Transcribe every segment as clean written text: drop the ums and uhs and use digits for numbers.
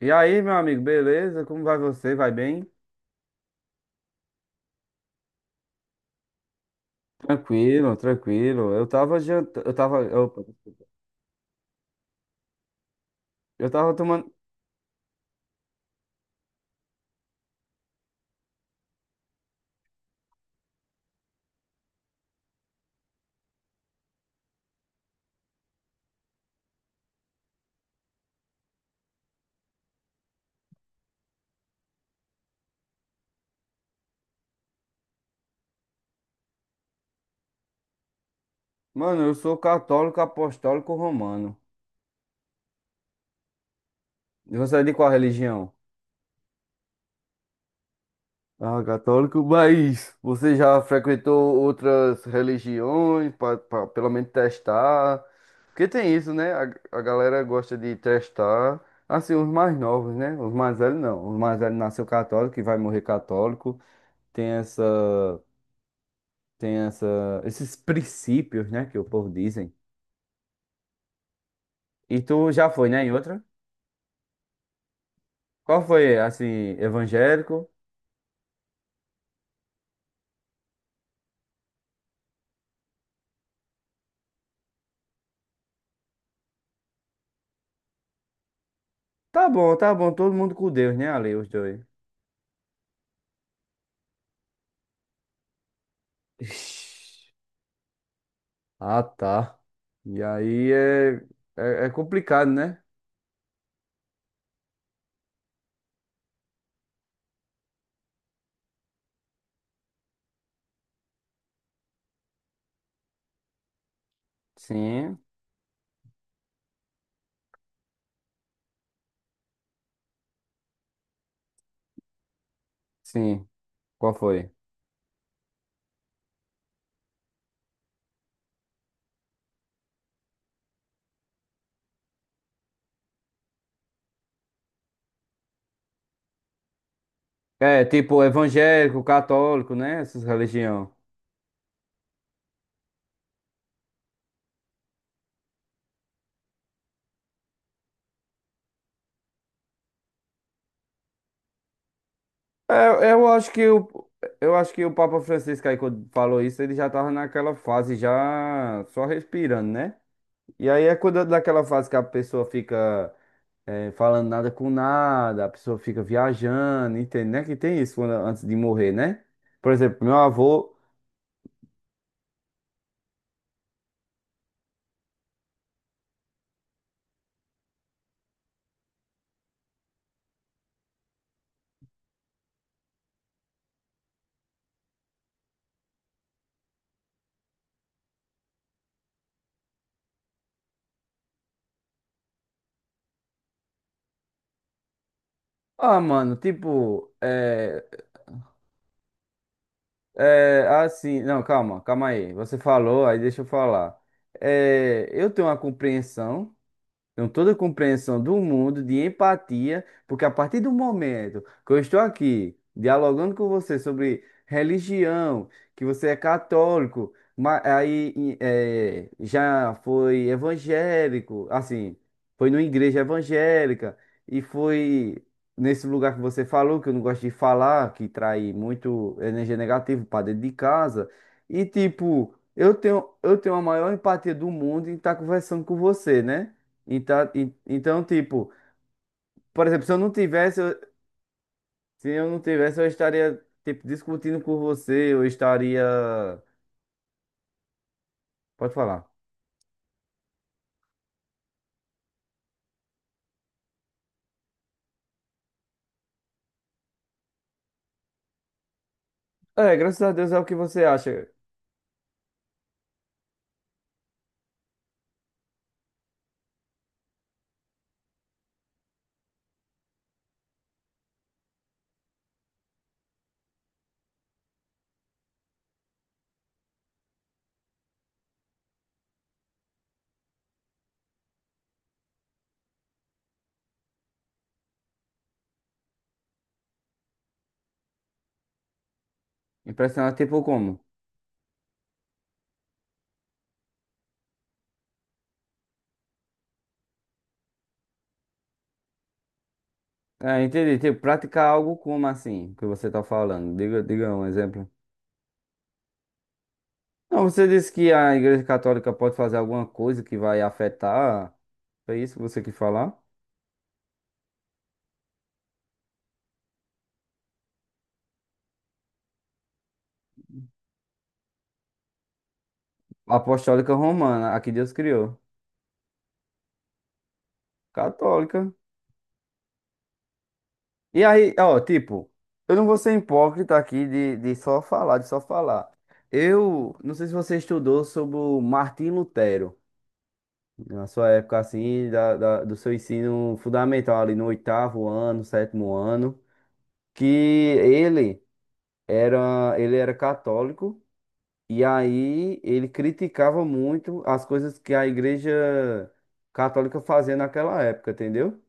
E aí, meu amigo, beleza? Como vai você? Vai bem? Tranquilo, tranquilo. Eu tava, opa, desculpa. Eu tava tomando. Mano, eu sou católico apostólico romano. E você é de qual religião? Ah, católico, mas você já frequentou outras religiões para pelo menos testar? Porque tem isso, né? A galera gosta de testar, assim, os mais novos, né? Os mais velhos não. Os mais velhos nasceu católico e vai morrer católico. Tem essa tem esses princípios, né, que o povo dizem. E tu já foi, né, em outra? Qual foi, assim, evangélico? Tá bom, todo mundo com Deus, né, ali, os dois. Ixi, ah, tá. E aí é complicado, né? Sim, sim. Qual foi? É, tipo, evangélico, católico, né, essas religiões. É, eu acho que o, eu acho que o Papa Francisco aí, quando falou isso, ele já tava naquela fase já só respirando, né? E aí é quando daquela fase que a pessoa fica falando nada com nada, a pessoa fica viajando, entende, né? Que tem isso antes de morrer, né? Por exemplo, meu avô. Ah, mano, é assim. Não, calma, calma aí. Você falou, aí deixa eu falar. Eu tenho uma compreensão. Tenho toda a compreensão do mundo, de empatia, porque a partir do momento que eu estou aqui dialogando com você sobre religião, que você é católico, já foi evangélico, assim, foi numa igreja evangélica e foi nesse lugar que você falou, que eu não gosto de falar, que trai muito energia negativa para dentro de casa, e tipo, eu tenho a maior empatia do mundo em estar conversando com você, né? Então, tipo, por exemplo, se eu não tivesse, eu estaria, tipo, discutindo com você, eu estaria. Pode falar. É, graças a Deus é o que você acha. Impressionar, tipo, como? É, entendi. Tipo, praticar algo como assim, que você tá falando. Diga, diga um exemplo. Não, você disse que a Igreja Católica pode fazer alguma coisa que vai afetar. Foi isso que você quis falar? Apostólica Romana, a que Deus criou. Católica. E aí, ó, tipo, eu não vou ser hipócrita aqui de só falar, de só falar. Eu não sei se você estudou sobre o Martim Lutero, na sua época assim, do seu ensino fundamental ali no oitavo ano, sétimo ano, que ele era católico e aí ele criticava muito as coisas que a igreja católica fazia naquela época, entendeu?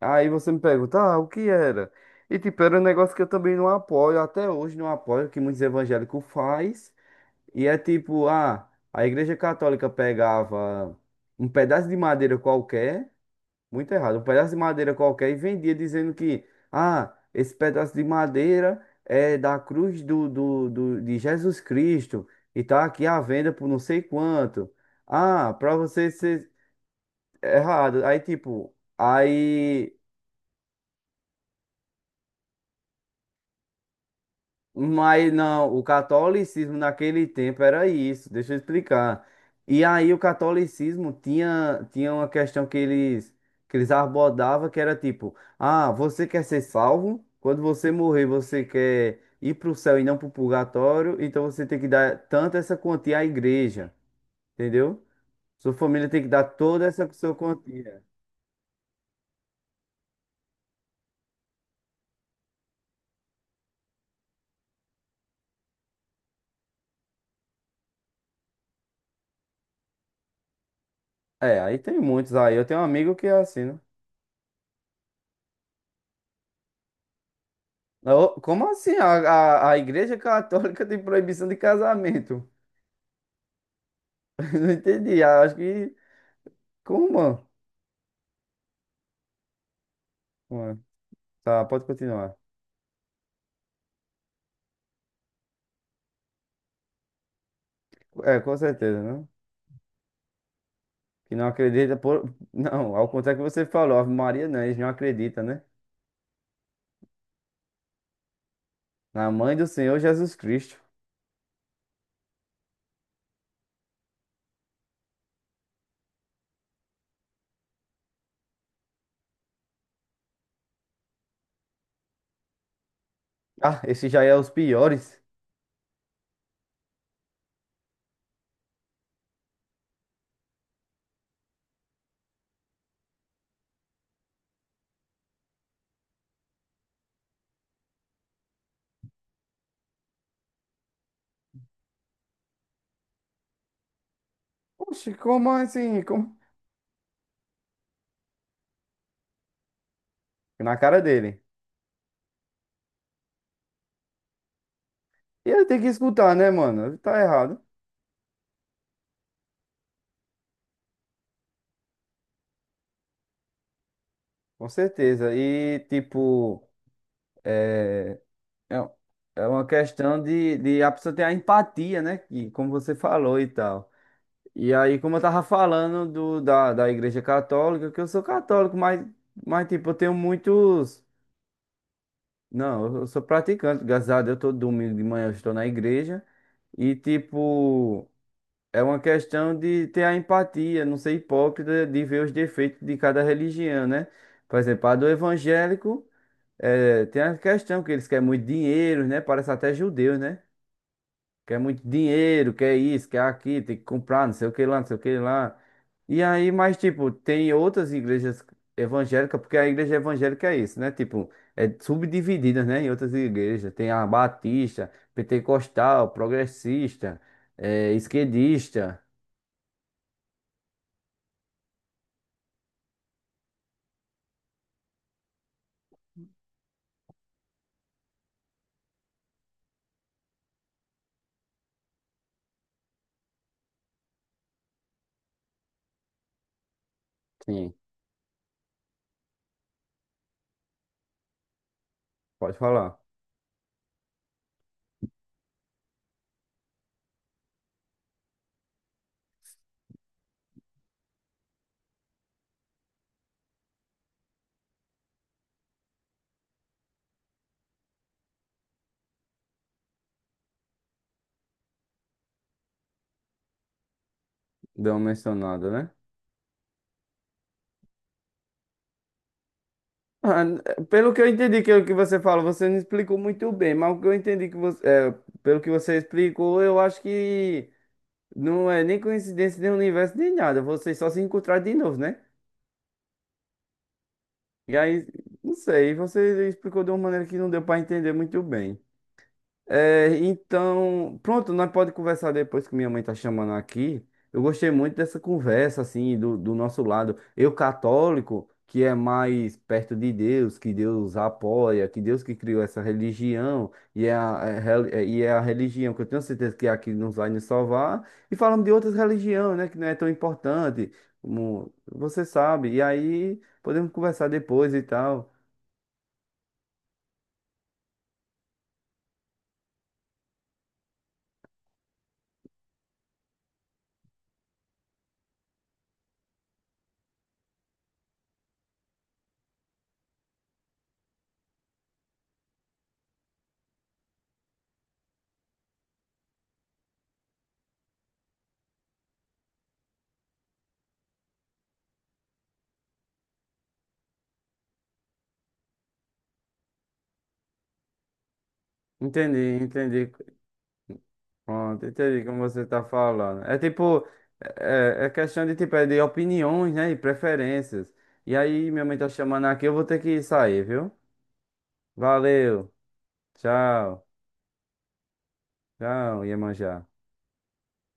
Aí você me pergunta, ah, o que era? E tipo, era um negócio que eu também não apoio, até hoje não apoio, que muitos evangélicos faz. E é tipo, ah, a Igreja Católica pegava um pedaço de madeira qualquer, muito errado, um pedaço de madeira qualquer e vendia dizendo que, ah, esse pedaço de madeira é da cruz de Jesus Cristo e tá aqui à venda por não sei quanto. Ah, pra você ser errado. Aí tipo, aí. Mas não, o catolicismo naquele tempo era isso, deixa eu explicar. E aí o catolicismo tinha uma questão que eles abordavam que era tipo, ah, você quer ser salvo? Quando você morrer, você quer ir para o céu e não para o purgatório, então você tem que dar tanto essa quantia à igreja, entendeu? Sua família tem que dar toda essa sua quantia. É, aí tem muitos aí. Eu tenho um amigo que é assim, né? Ô, como assim? A Igreja Católica tem proibição de casamento? Não entendi. Acho que. Como? Mano, tá, pode continuar. É, com certeza, né? Que não acredita por. Não, ao contrário que você falou, Ave Maria não, eles não acreditam, né? Na mãe do Senhor Jesus Cristo. Ah, esse já é os piores. Oxe, como assim? Como? Na cara dele. E ele tem que escutar, né, mano? Ele tá errado. Com certeza. E, tipo. é, É, é uma questão de a pessoa ter a empatia, né? Que, como você falou e tal. E aí, como eu tava falando da Igreja Católica, que eu sou católico, mas tipo, eu tenho muitos. Não, eu sou praticante, graças a Deus, todo domingo de manhã eu estou na igreja. E, tipo, é uma questão de ter a empatia, não ser hipócrita, de ver os defeitos de cada religião, né? Por exemplo, a do evangélico, é, tem a questão que eles querem muito dinheiro, né? Parece até judeus, né? Quer muito dinheiro, quer isso, quer aquilo, tem que comprar, não sei o que lá, não sei o que lá. E aí, mas tipo, tem outras igrejas evangélicas, porque a igreja evangélica é isso, né? Tipo, é subdividida, né? Em outras igrejas. Tem a batista, pentecostal, progressista, esquerdista. Sim, pode falar. Deu uma mencionada, né? Ah, pelo que eu entendi que você fala, você não explicou muito bem, mas o que eu entendi que pelo que você explicou, eu acho que não é nem coincidência, nem universo, nem nada. Vocês só se encontraram de novo, né? E aí, não sei, você explicou de uma maneira que não deu pra entender muito bem. É, então, pronto, nós pode conversar depois que minha mãe tá chamando aqui. Eu gostei muito dessa conversa, assim, do nosso lado. Eu, católico, que é mais perto de Deus, que Deus apoia, que Deus que criou essa religião, e é a, é rel- é- e é a religião que eu tenho certeza que é a que nos salvar. E falamos de outras religiões, né, que não é tão importante, como você sabe. E aí podemos conversar depois e tal. Entendi, entendi. Pronto, entendi como você tá falando. É tipo, é questão de tipo, é de opiniões, né? E preferências. E aí, minha mãe tá chamando aqui, eu vou ter que sair, viu? Valeu, tchau, tchau, Iemanjá.